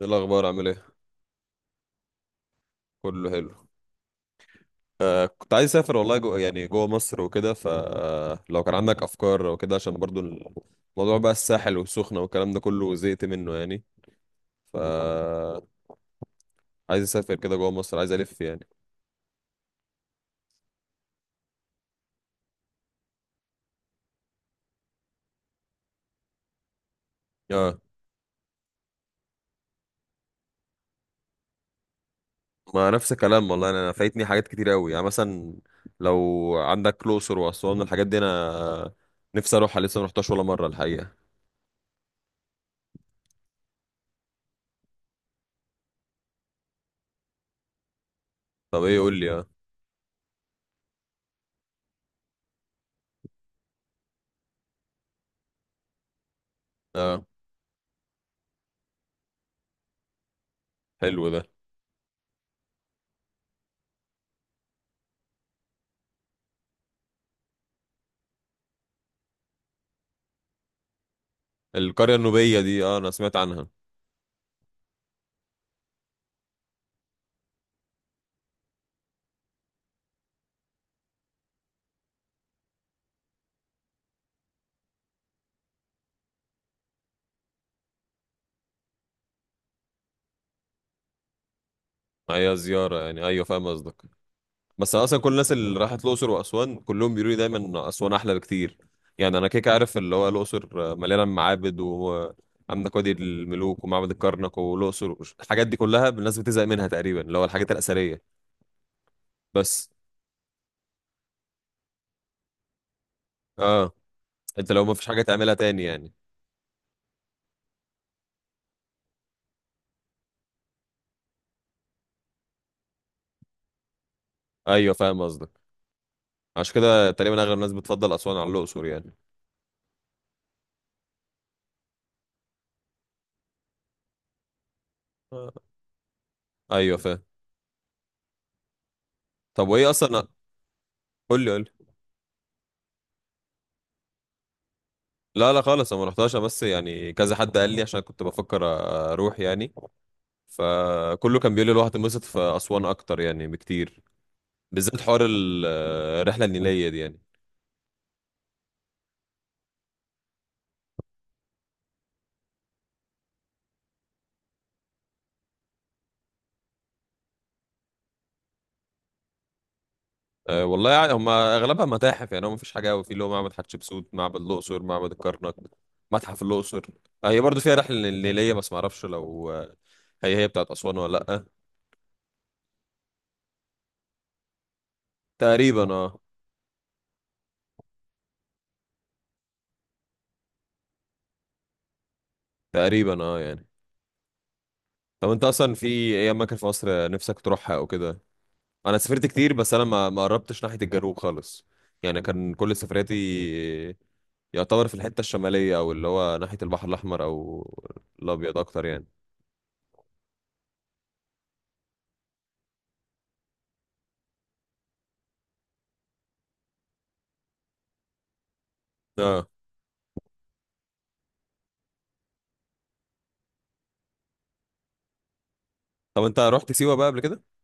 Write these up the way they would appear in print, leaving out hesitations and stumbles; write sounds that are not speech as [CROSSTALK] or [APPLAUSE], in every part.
ايه الاخبار؟ عامل ايه؟ كله حلو. كنت عايز اسافر والله، جو يعني جوه مصر وكده، فلو كان عندك افكار او كده، عشان برضو الموضوع بقى الساحل والسخنه والكلام ده كله، زهقت منه يعني. ف عايز اسافر كده جوه مصر، عايز الف يعني. اه، ما نفس الكلام والله. أنا فايتني حاجات كتير قوي، يعني مثلا لو عندك الاقصر واسوان، الحاجات دي انا نفسي اروحها، لسه ما رحتهاش ولا مره الحقيقه. طب ايه؟ قول لي. اه، اه حلو ده. القريه النوبيه دي، اه انا سمعت عنها. هي زياره، يعني ايوه فاهم قصدك. بس انا اصلا كل الناس اللي راحت الاقصر واسوان كلهم بيقولوا لي دايما إن اسوان احلى بكتير. يعني انا كيك عارف، اللي هو الاقصر مليانه معابد، وعندك وادي الملوك ومعبد الكرنك والاقصر، الحاجات دي كلها الناس بتزهق منها تقريبا، اللي هو الحاجات الاثريه. بس اه، انت لو ما فيش حاجه تعملها تاني يعني. ايوه فاهم قصدك. عشان كده تقريبا اغلب الناس بتفضل اسوان على الاقصر يعني. آه، ايوه فاهم. طب وايه اصلا؟ قول لي، قول لي. لا لا خالص، انا ما رحتهاش، أنا بس يعني كذا حد قال لي عشان كنت بفكر اروح يعني. فكله كان بيقول لي الواحد اتبسط في أسوان أكتر يعني، بكتير بالذات حوار الرحلة النيلية دي يعني. والله يعني هم أغلبها متاحف، يعني هو مفيش حاجة أوي، في اللي هو معبد حتشبسوت، معبد الأقصر، معبد الكرنك، متحف الأقصر. هي برضو فيها رحلة نيلية، بس معرفش لو هي بتاعت أسوان ولا لأ. تقريبا اه. تقريبا اه يعني. طب انت اصلا في ايه اماكن في مصر نفسك تروحها او كده؟ انا سافرت كتير، بس انا ما قربتش ناحية الجنوب خالص. يعني كان كل سفرياتي يعتبر في الحتة الشمالية، أو اللي هو ناحية البحر الأحمر أو الأبيض أكتر يعني. اه. طب أنت رحت سيوة بقى قبل كده؟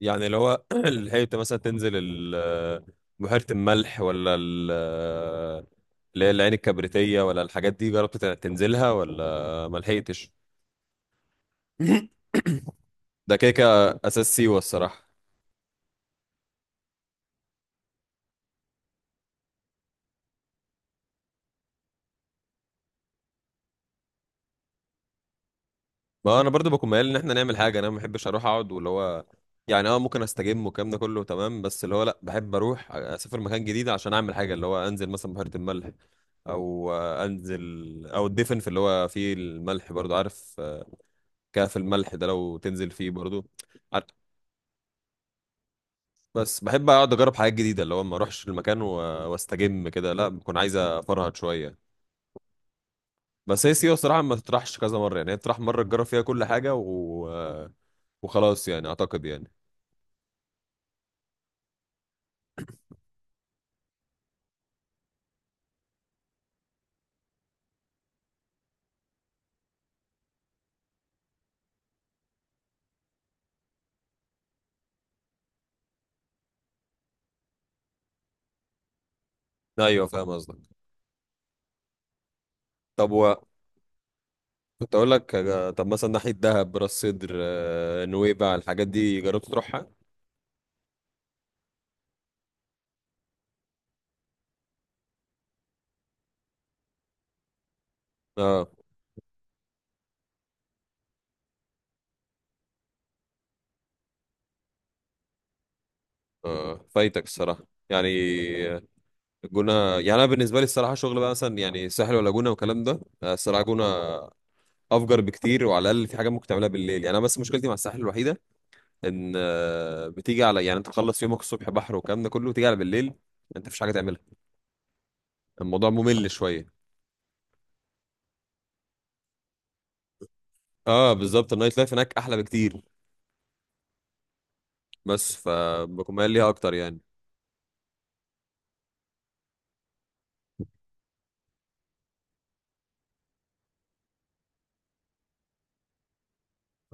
يعني اللي هو [CLEARS THROAT] لحقت مثلا تنزل بحيرة الملح، ولا اللي هي العين الكبريتية، ولا الحاجات دي جربت تنزلها ولا ملحقتش؟ [LAUGHS] [CLEARS THROAT] ده كده كده أساس سيوة الصراحة. ما انا برضو بكون ميال ان احنا نعمل حاجه، انا ما بحبش اروح اقعد، واللي هو يعني اه ممكن استجم والكلام ده كله تمام، بس اللي هو لا، بحب اروح اسافر مكان جديد عشان اعمل حاجه، اللي هو انزل مثلا بحيره الملح، او انزل، او الدفن في اللي هو فيه الملح برضو، عارف كهف الملح ده، لو تنزل فيه برضو عارف. بس بحب اقعد اجرب حاجات جديده، اللي هو ما اروحش المكان واستجم كده، لا بكون عايز افرهد شويه. بس هي سيوه الصراحه ما تطرحش كذا مره، يعني هي تطرح مره تجرب فيها كل حاجه، وخلاص يعني، اعتقد يعني. ايوه فاهم قصدك. طب كنت اقول لك، طب مثلا ناحيه دهب، راس سدر، نويبع، الحاجات دي جربت تروحها؟ اه اه، فايتك الصراحه يعني. آه، الجونه. يعني انا بالنسبه لي الصراحه شغل بقى، مثلا يعني ساحل ولا جونه والكلام ده، الصراحه جونه افجر بكتير، وعلى الاقل في حاجه ممكن تعملها بالليل يعني. انا بس مشكلتي مع الساحل الوحيده ان بتيجي على يعني، انت تخلص يومك الصبح بحر والكلام ده كله، تيجي على بالليل انت مفيش حاجه تعملها. الموضوع ممل شويه. اه بالظبط، النايت لايف هناك احلى بكتير، بس فبكون مايل ليها اكتر يعني.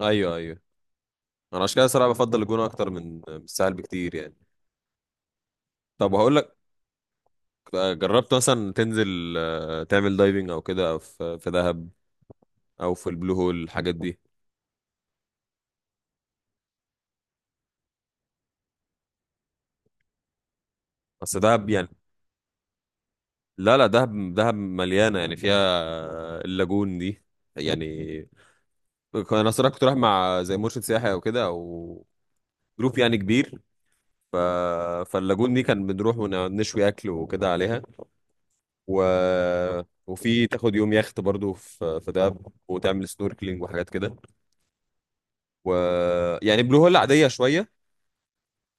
ايوه ايوه، انا عشان كده صراحه بفضل الجونه اكتر من الساحل بكتير يعني. طب هقول لك، جربت مثلا تنزل تعمل دايفنج او كده في دهب، او في البلو هول الحاجات دي؟ بس دهب يعني. لا لا، دهب دهب مليانه، يعني فيها اللاجون دي. يعني انا صراحه كنت رايح مع زي مرشد سياحي او كده، او جروب يعني كبير. ف... فاللاجون دي كان بنروح ونشوي اكل وكده عليها. و... وفي تاخد يوم يخت برضو في دهب، وتعمل سنوركلينج وحاجات كده. و يعني بلو هول عادية شوية،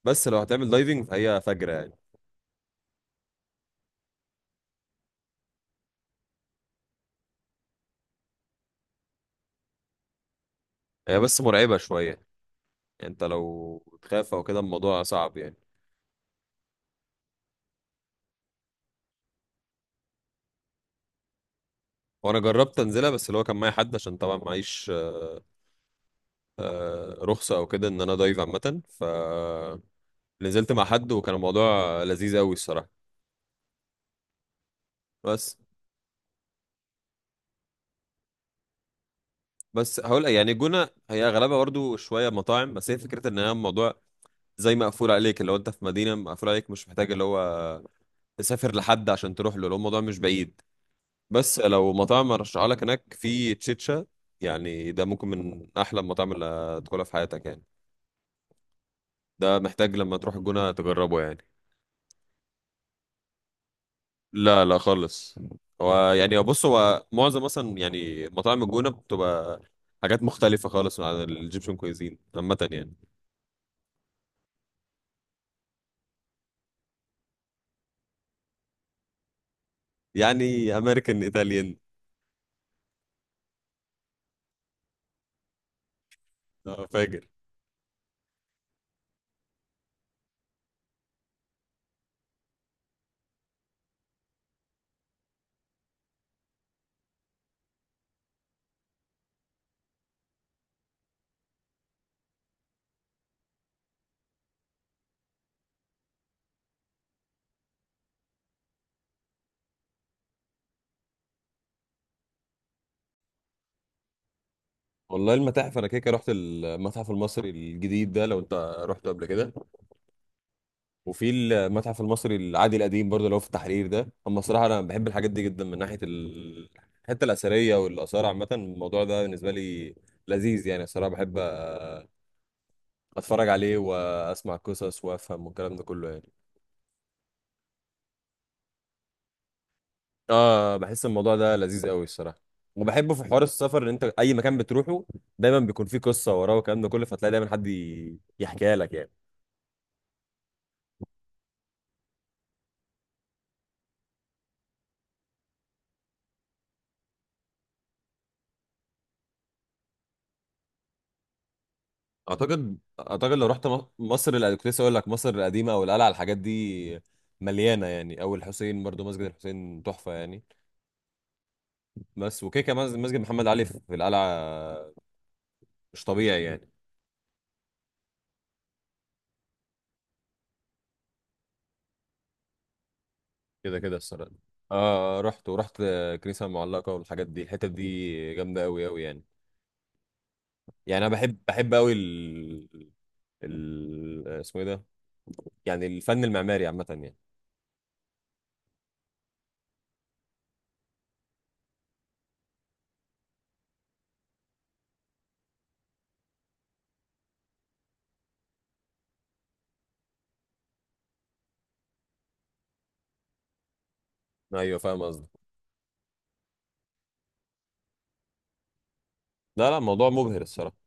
بس لو هتعمل دايفنج فهي فجرة يعني. هي بس مرعبة شوية يعني، انت لو تخاف او كده الموضوع صعب يعني. وانا جربت انزلها، بس اللي هو كان معايا حد عشان طبعا معيش رخصة او كده ان انا دايف عامة، نزلت مع حد وكان الموضوع لذيذ قوي الصراحة. بس بس هقول يعني الجونة هي اغلبها برضو شوية مطاعم، بس هي فكرة ان هي الموضوع زي مقفول عليك، اللي هو انت في مدينة مقفول عليك، مش محتاج اللي هو تسافر لحد عشان تروح له، لو الموضوع مش بعيد. بس لو مطاعم ارشحها لك هناك، في تشيتشا، يعني ده ممكن من احلى المطاعم اللي هتاكلها في حياتك يعني. ده محتاج لما تروح الجونة تجربه يعني. لا لا خالص. هو يعني بص، هو معظم مثلا يعني مطاعم الجونة بتبقى حاجات مختلفة خالص عن الايجيبشن كويزين عامة يعني. يعني امريكان، ايطاليان. فاجر. والله المتاحف انا كده كده رحت المتحف المصري الجديد ده، لو انت رحته قبل كده. وفي المتحف المصري العادي القديم برضه، اللي هو في التحرير ده. اما الصراحه انا بحب الحاجات دي جدا، من ناحيه الحته الاثريه والاثار عامه، الموضوع ده بالنسبه لي لذيذ يعني. الصراحه بحب اتفرج عليه واسمع قصص وافهم والكلام ده كله يعني. اه بحس الموضوع ده لذيذ قوي الصراحه، وبحبه في حوار السفر، ان انت اي مكان بتروحه دايما بيكون فيه قصه وراه والكلام ده كله، فتلاقي دايما حد يحكيها لك يعني. اعتقد لو رحت مصر كنت لسه اقول لك مصر القديمه او القلعه، الحاجات دي مليانه يعني. او الحسين برضو، مسجد الحسين تحفه يعني. بس وكده كمان مسجد محمد علي في القلعه مش طبيعي يعني. كده كده الصراحه. اه رحت ورحت الكنيسه المعلقه والحاجات دي، الحتت دي جامده قوي قوي يعني. يعني انا بحب قوي ال... اسمه ايه ده، يعني الفن المعماري عامه يعني. ايوه فاهم قصدك. لا لا، موضوع مبهر الصراحه.